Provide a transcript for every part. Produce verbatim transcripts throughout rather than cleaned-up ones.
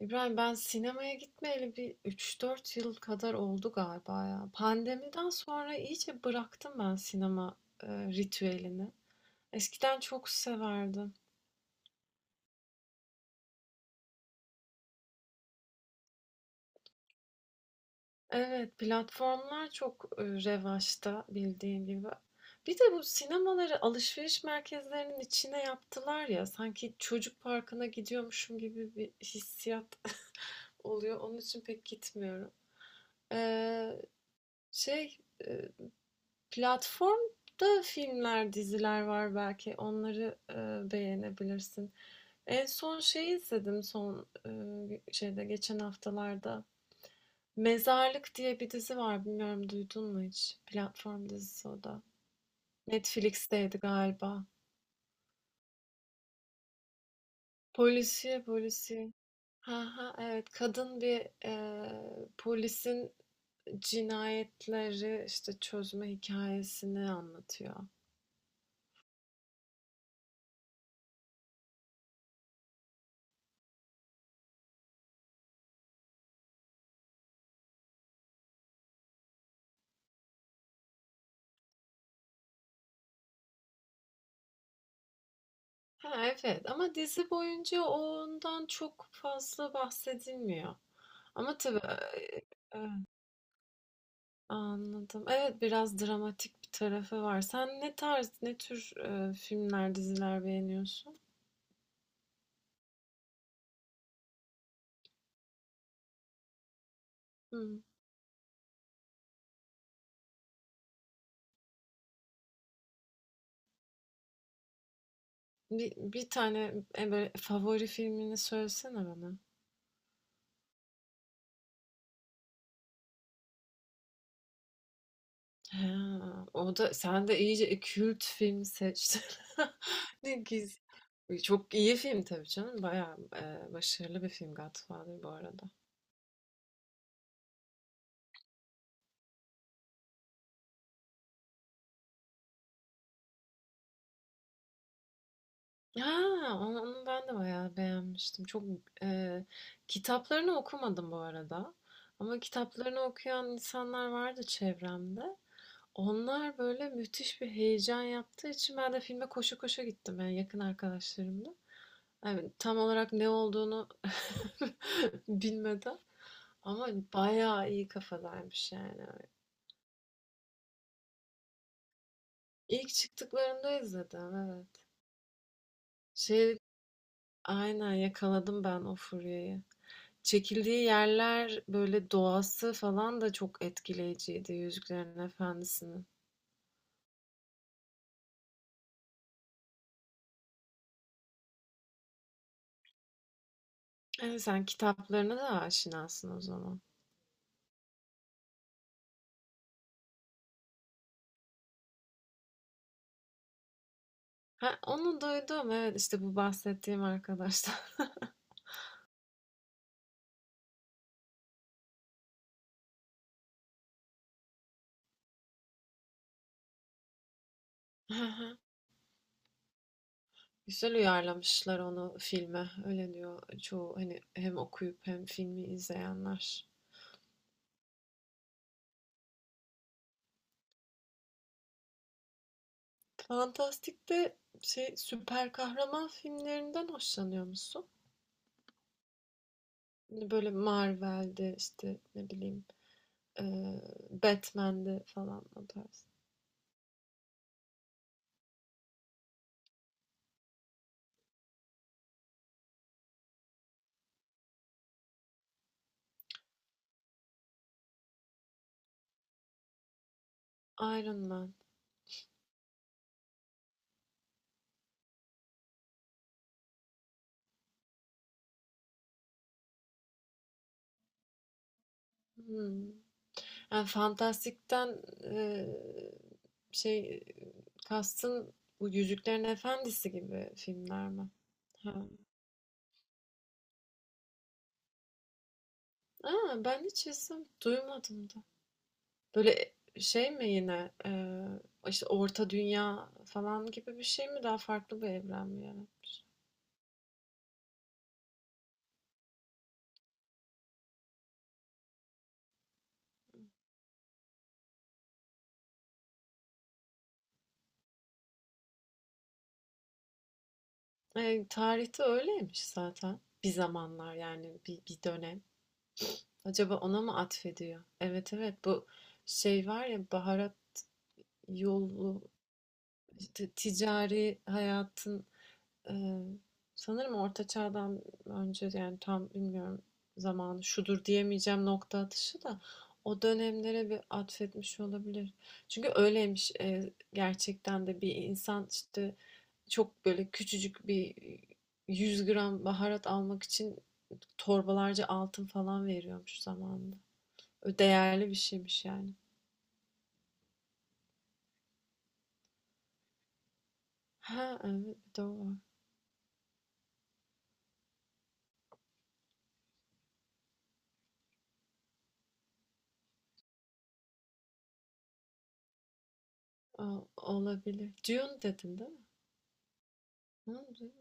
İbrahim ben sinemaya gitmeyeli bir üç dört yıl kadar oldu galiba ya. Pandemiden sonra iyice bıraktım ben sinema e, ritüelini. Eskiden çok severdim. Evet, platformlar çok e, revaçta bildiğin gibi. Bir de bu sinemaları alışveriş merkezlerinin içine yaptılar ya. Sanki çocuk parkına gidiyormuşum gibi bir hissiyat oluyor. Onun için pek gitmiyorum. Ee, şey, e, Platformda filmler, diziler var belki. Onları, eee, beğenebilirsin. En son şey izledim son, eee, şeyde geçen haftalarda. Mezarlık diye bir dizi var. Bilmiyorum duydun mu hiç? Platform dizisi o da. Netflix'teydi galiba. Polisiye, polisiye. Ha ha evet. Kadın bir eee, polisin cinayetleri işte çözme hikayesini anlatıyor. Ha, evet ama dizi boyunca ondan çok fazla bahsedilmiyor. Ama tabii e, e, anladım. Evet biraz dramatik bir tarafı var. Sen ne tarz, ne tür e, filmler, diziler beğeniyorsun? Hmm. Bir, bir tane e, böyle favori filmini söylesene bana. Ha, o da sen de iyice kült film seçtin. Ne güzel. Çok iyi film tabii canım. Bayağı e, başarılı bir film Godfather bu arada. Ha, onu onu ben de bayağı beğenmiştim. Çok eee, kitaplarını okumadım bu arada. Ama kitaplarını okuyan insanlar vardı çevremde. Onlar böyle müthiş bir heyecan yaptığı için ben de filme koşu koşu gittim yani yakın arkadaşlarımla. Yani tam olarak ne olduğunu bilmeden ama bayağı iyi kafadaymış yani. İlk çıktıklarında izledim evet. Şey aynen yakaladım ben o furyayı. Çekildiği yerler, böyle, doğası falan da çok etkileyiciydi Yüzüklerin Efendisi'nin. Evet, sen kitaplarına da aşinasın o zaman. Ha, onu duydum. Evet, işte bu bahsettiğim arkadaşlar. Hı hı. Güzel uyarlamışlar onu filme. Öyle diyor çoğu hani hem okuyup hem filmi izleyenler. Fantastik'te şey süper kahraman filmlerinden hoşlanıyor musun? Hani Böyle Marvel'de işte ne bileyim eee Batman'de falan o tarz. Iron Man. Hımm. Yani fantastikten, eee, şey, kastın bu Yüzüklerin Efendisi gibi filmler mi? Ha. Aa Ben hiç isim duymadım da. Böyle şey mi yine, eee, işte, Orta Dünya falan gibi bir şey mi? Daha farklı bir evren mi yani? Eee, tarihte öyleymiş zaten bir zamanlar yani bir bir dönem. Acaba ona mı atfediyor? Evet, evet bu şey var ya baharat yolu işte ticari hayatın e, sanırım orta çağdan önce yani tam bilmiyorum zamanı şudur diyemeyeceğim nokta atışı da o dönemlere bir atfetmiş olabilir. Çünkü öyleymiş e, gerçekten de bir insan işte çok böyle küçücük bir yüz gram baharat almak için torbalarca altın falan veriyormuş zamanında. Değerli bir şeymiş yani. Ha evet doğru. O- Olabilir. Dune dedin değil mi? Hı, Dune.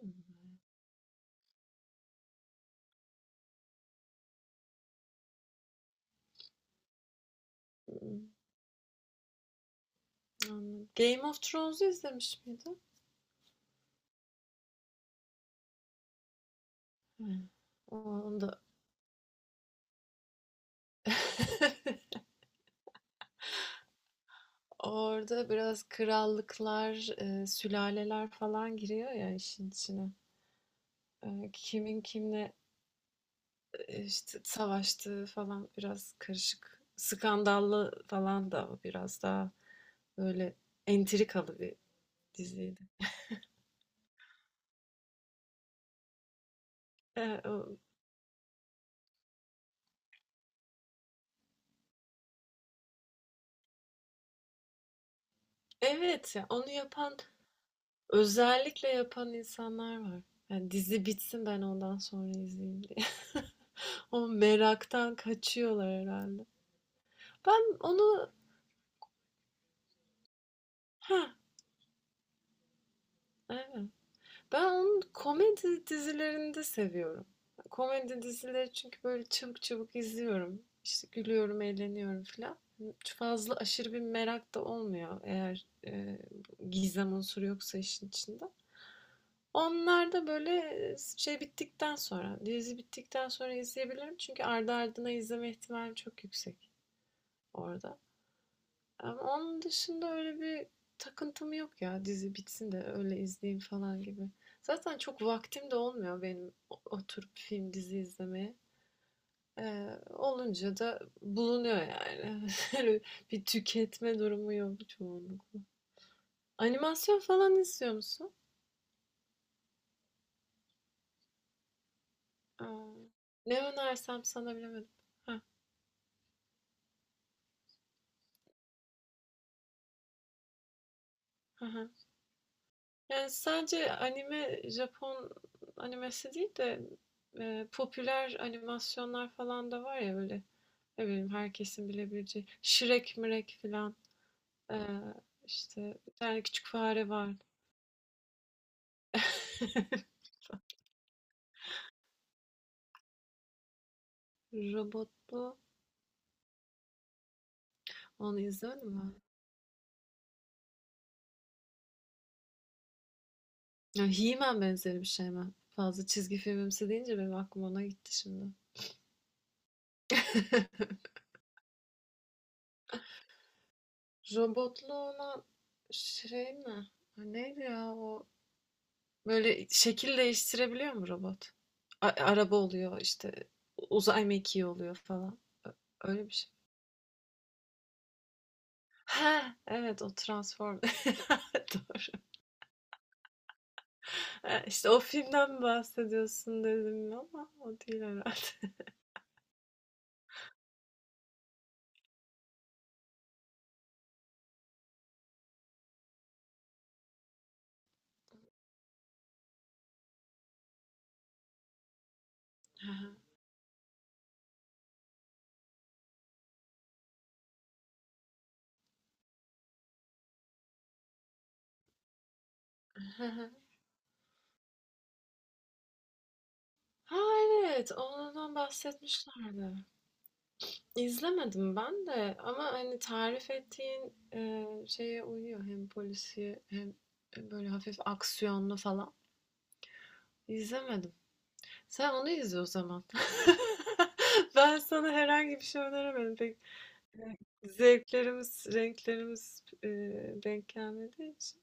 Game of Thrones'u izlemiş miydin? Hıı. Onda orada biraz krallıklar, eee, sülaleler falan giriyor ya işin içine. Eee, kimin kimle, eee, işte, savaştığı falan biraz karışık. Skandallı falan da biraz daha böyle entrikalı bir diziydi. Eee, o Evet, ya onu yapan, özellikle yapan insanlar var. Yani dizi bitsin ben ondan sonra izleyeyim. O meraktan kaçıyorlar herhalde. Ben onu ha evet. Ben onu komedi dizilerinde seviyorum. Komedi dizileri çünkü böyle çabuk çabuk izliyorum. İşte gülüyorum, eğleniyorum falan. Çok fazla aşırı bir merak da olmuyor eğer e, gizem unsuru yoksa işin içinde. Onlar da böyle e, şey bittikten sonra, dizi bittikten sonra izleyebilirim. Çünkü ardı ardına izleme ihtimalim çok yüksek orada. Ama onun dışında öyle bir takıntım yok ya. Dizi bitsin de öyle izleyeyim falan gibi. Zaten çok vaktim de olmuyor benim oturup film dizi izlemeye. Ee, olunca da bulunuyor yani. Öyle bir tüketme durumu yok çoğunlukla. Animasyon falan izliyor musun? Aa, ne önersem sana bilemedim. Ha, ha, ha. Yani sadece anime, Japon animesi değil de e, popüler animasyonlar falan da var ya böyle. Ne bileyim herkesin bilebileceği. Şirek mirek filan. Ee, işte bir tane küçük fare var. Robotlu. Onu izledin mi? Ya He-Man benzeri bir şey mi? Fazla çizgi filmimsi deyince benim aklım ona gitti şimdi. Robotlu olan şey mi? Ha, neydi ya o? Böyle şekil değiştirebiliyor mu robot? A- araba oluyor işte uzay mekiği oluyor falan. Ö- Öyle bir şey. Ha, evet o Transform. Doğru. Ha, İşte o filmden bahsediyorsun dedim ama o değil herhalde. Ha evet, ondan bahsetmişlerdi. İzlemedim ben de ama hani tarif ettiğin e, şeye uyuyor hem polisiye hem böyle hafif aksiyonlu falan. İzlemedim. Sen onu izle o zaman. Ben sana herhangi bir şey öneremedim. Pek zevklerimiz, renklerimiz e, denk gelmediği için.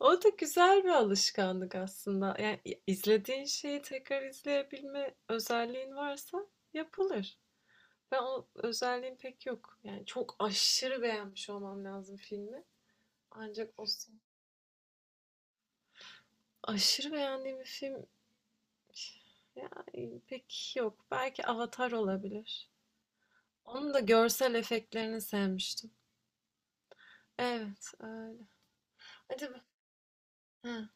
O da güzel bir alışkanlık aslında. Yani i- izlediğin şeyi tekrar izleyebilme özelliğin varsa yapılır. Ben o özelliğim pek yok. Yani çok aşırı beğenmiş olmam lazım filmi. Ancak o aşırı beğendiğim bir film yani pek yok. Belki Avatar olabilir. Onun da görsel efektlerini sevmiştim. Evet, öyle. Hadi be. Hı.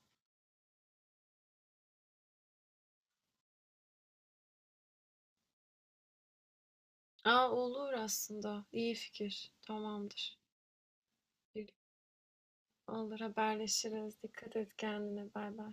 Aa, olur aslında. İyi fikir. Tamamdır. Olur haberleşiriz. Dikkat et kendine. Bay bay.